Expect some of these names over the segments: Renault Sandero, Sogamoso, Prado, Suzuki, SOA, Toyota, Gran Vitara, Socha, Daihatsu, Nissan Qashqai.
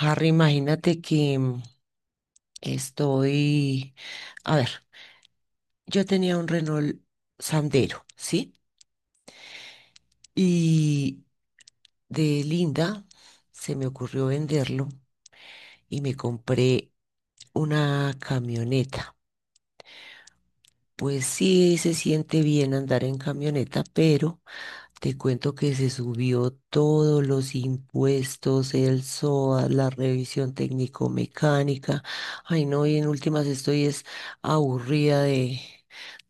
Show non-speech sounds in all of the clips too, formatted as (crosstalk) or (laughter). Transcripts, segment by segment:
Harry, imagínate que estoy, a ver, yo tenía un Renault Sandero, ¿sí? Y de linda se me ocurrió venderlo y me compré una camioneta. Pues sí, se siente bien andar en camioneta, pero te cuento que se subió todos los impuestos, el SOA, la revisión técnico-mecánica. Ay, no, y en últimas estoy es aburrida de,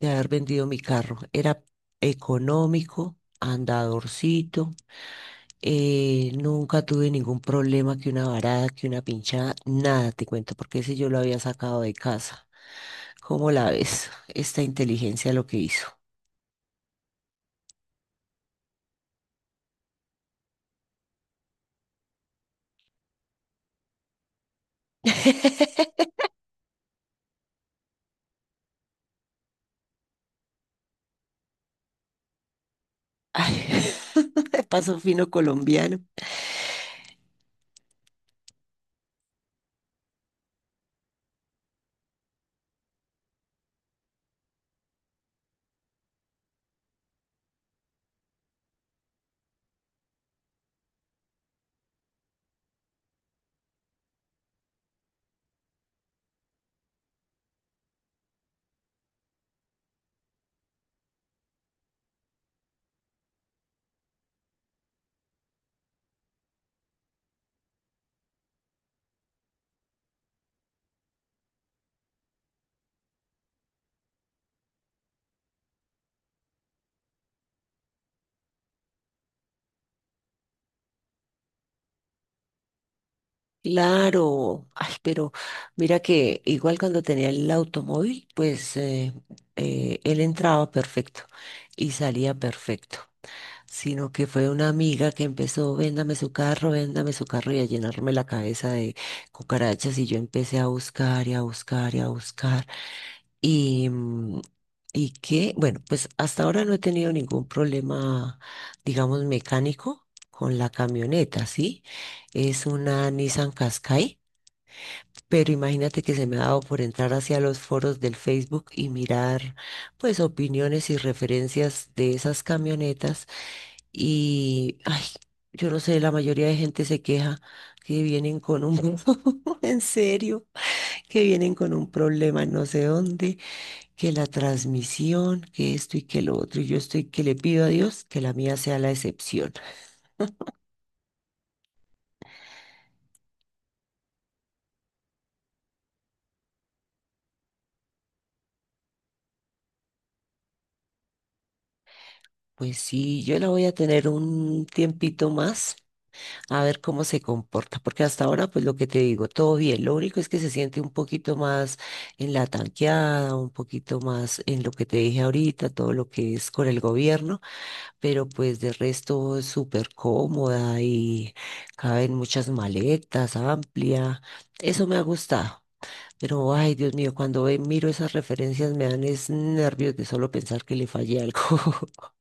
de haber vendido mi carro. Era económico, andadorcito, nunca tuve ningún problema que una varada, que una pinchada, nada te cuento, porque ese yo lo había sacado de casa. ¿Cómo la ves? Esta inteligencia lo que hizo. Ay, (laughs) de paso fino colombiano. Claro, ay, pero mira que igual cuando tenía el automóvil, pues él entraba perfecto y salía perfecto, sino que fue una amiga que empezó, véndame su carro y a llenarme la cabeza de cucarachas y yo empecé a buscar y a buscar y a buscar y, mm, y que, bueno, pues hasta ahora no he tenido ningún problema, digamos, mecánico con la camioneta, ¿sí? Es una Nissan Qashqai, pero imagínate que se me ha dado por entrar hacia los foros del Facebook y mirar pues opiniones y referencias de esas camionetas y ay, yo no sé, la mayoría de gente se queja que vienen con un (laughs) en serio, que vienen con un problema no sé dónde, que la transmisión, que esto y que lo otro, y yo estoy que le pido a Dios que la mía sea la excepción. Pues sí, yo la voy a tener un tiempito más a ver cómo se comporta, porque hasta ahora, pues lo que te digo, todo bien, lo único es que se siente un poquito más en la tanqueada, un poquito más en lo que te dije ahorita, todo lo que es con el gobierno, pero pues de resto es súper cómoda y caben muchas maletas, amplia, eso me ha gustado. Pero, ay, Dios mío, cuando miro esas referencias me dan es nervios de solo pensar que le fallé algo. (laughs)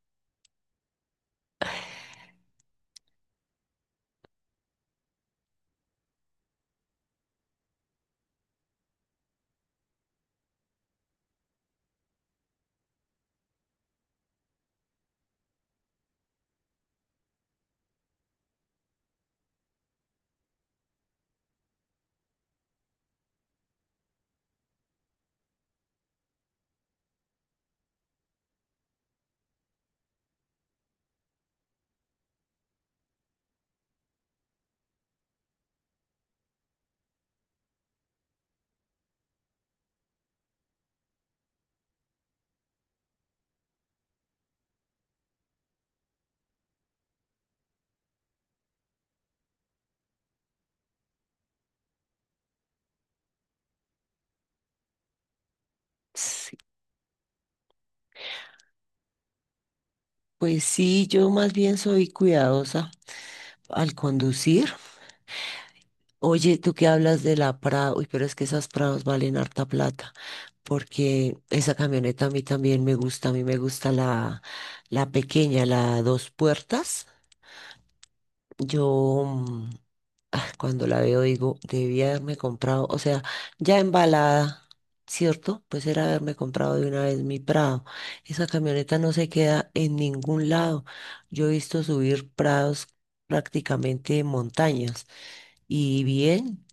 Sí. Pues sí, yo más bien soy cuidadosa al conducir. Oye, tú que hablas de la Prado, uy, pero es que esas Prados valen harta plata, porque esa camioneta a mí también me gusta, a mí me gusta la pequeña, la dos puertas. Yo ah, cuando la veo digo, debía haberme comprado, o sea, ya embalada, ¿cierto? Pues era haberme comprado de una vez mi Prado. Esa camioneta no se queda en ningún lado. Yo he visto subir Prados prácticamente en montañas y bien.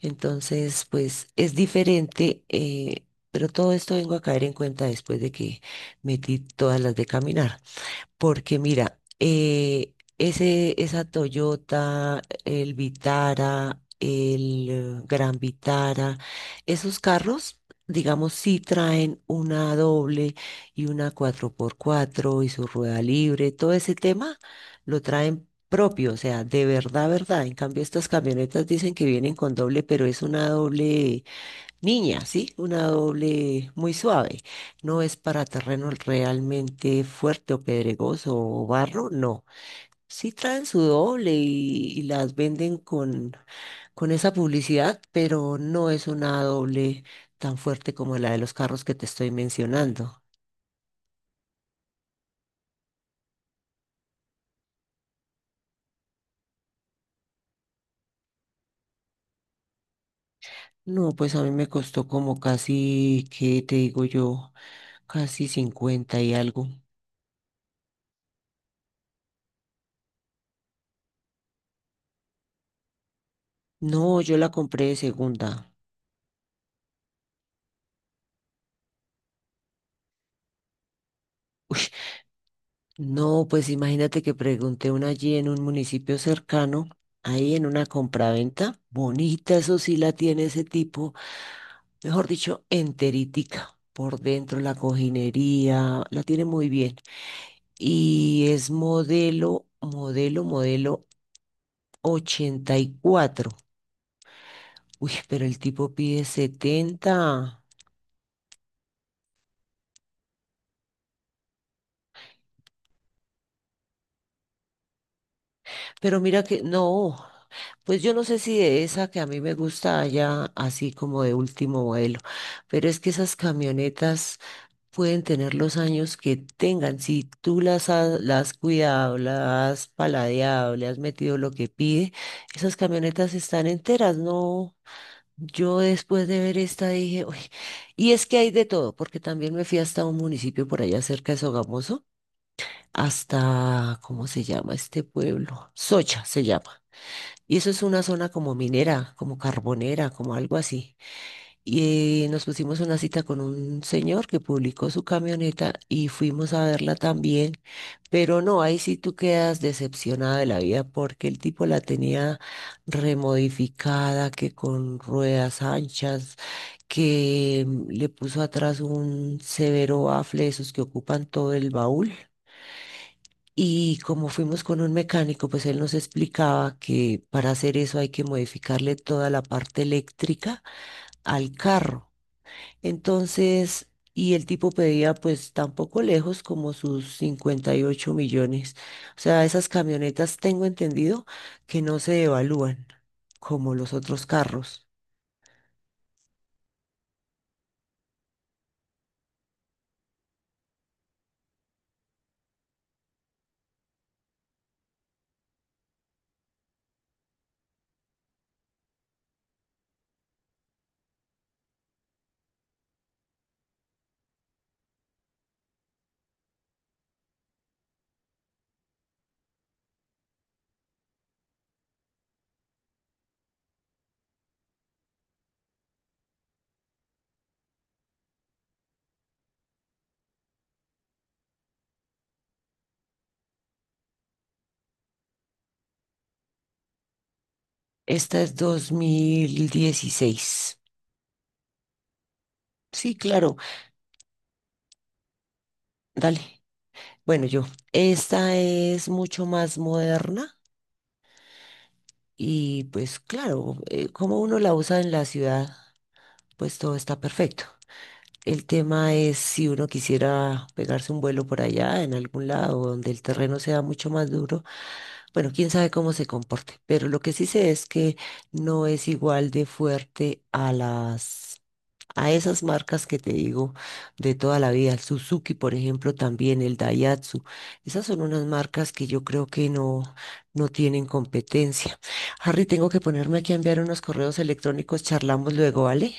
Entonces, pues es diferente, pero todo esto vengo a caer en cuenta después de que metí todas las de caminar. Porque mira, esa Toyota, el Vitara, el Gran Vitara, esos carros, digamos, sí traen una doble y una 4x4 y su rueda libre, todo ese tema lo traen propio, o sea, de verdad, verdad. En cambio, estas camionetas dicen que vienen con doble, pero es una doble, niña, sí, una doble muy suave. No es para terreno realmente fuerte o pedregoso o barro, no. Sí traen su doble y las venden con esa publicidad, pero no es una doble tan fuerte como la de los carros que te estoy mencionando. No, pues a mí me costó como casi, ¿qué te digo yo? Casi 50 y algo. No, yo la compré de segunda. (laughs) No, pues imagínate que pregunté una allí en un municipio cercano, ahí en una compraventa, bonita, eso sí la tiene ese tipo, mejor dicho, enterítica, por dentro la cojinería, la tiene muy bien. Y es modelo, modelo, modelo 84. Uy, pero el tipo pide 70. Pero mira que no. Pues yo no sé si de esa que a mí me gusta haya así como de último vuelo, pero es que esas camionetas pueden tener los años que tengan. Si tú las has cuidado, las has paladeado, le has metido lo que pide, esas camionetas están enteras, ¿no? Yo después de ver esta dije, uy, y es que hay de todo, porque también me fui hasta un municipio por allá cerca de Sogamoso, hasta, ¿cómo se llama este pueblo? Socha se llama. Y eso es una zona como minera, como carbonera, como algo así. Y nos pusimos una cita con un señor que publicó su camioneta y fuimos a verla también. Pero no, ahí sí tú quedas decepcionada de la vida porque el tipo la tenía remodificada, que con ruedas anchas, que le puso atrás un severo bafle de esos que ocupan todo el baúl. Y como fuimos con un mecánico, pues él nos explicaba que para hacer eso hay que modificarle toda la parte eléctrica al carro. Entonces, y el tipo pedía pues tampoco lejos como sus 58 millones. O sea, esas camionetas tengo entendido que no se evalúan como los otros carros. Esta es 2016. Sí, claro, dale. Bueno, yo, esta es mucho más moderna. Y pues claro, como uno la usa en la ciudad, pues todo está perfecto. El tema es si uno quisiera pegarse un vuelo por allá, en algún lado donde el terreno sea mucho más duro, bueno, quién sabe cómo se comporte, pero lo que sí sé es que no es igual de fuerte a las a esas marcas que te digo de toda la vida, el Suzuki, por ejemplo, también el Daihatsu. Esas son unas marcas que yo creo que no, no tienen competencia. Harry, tengo que ponerme aquí a enviar unos correos electrónicos, charlamos luego, ¿vale?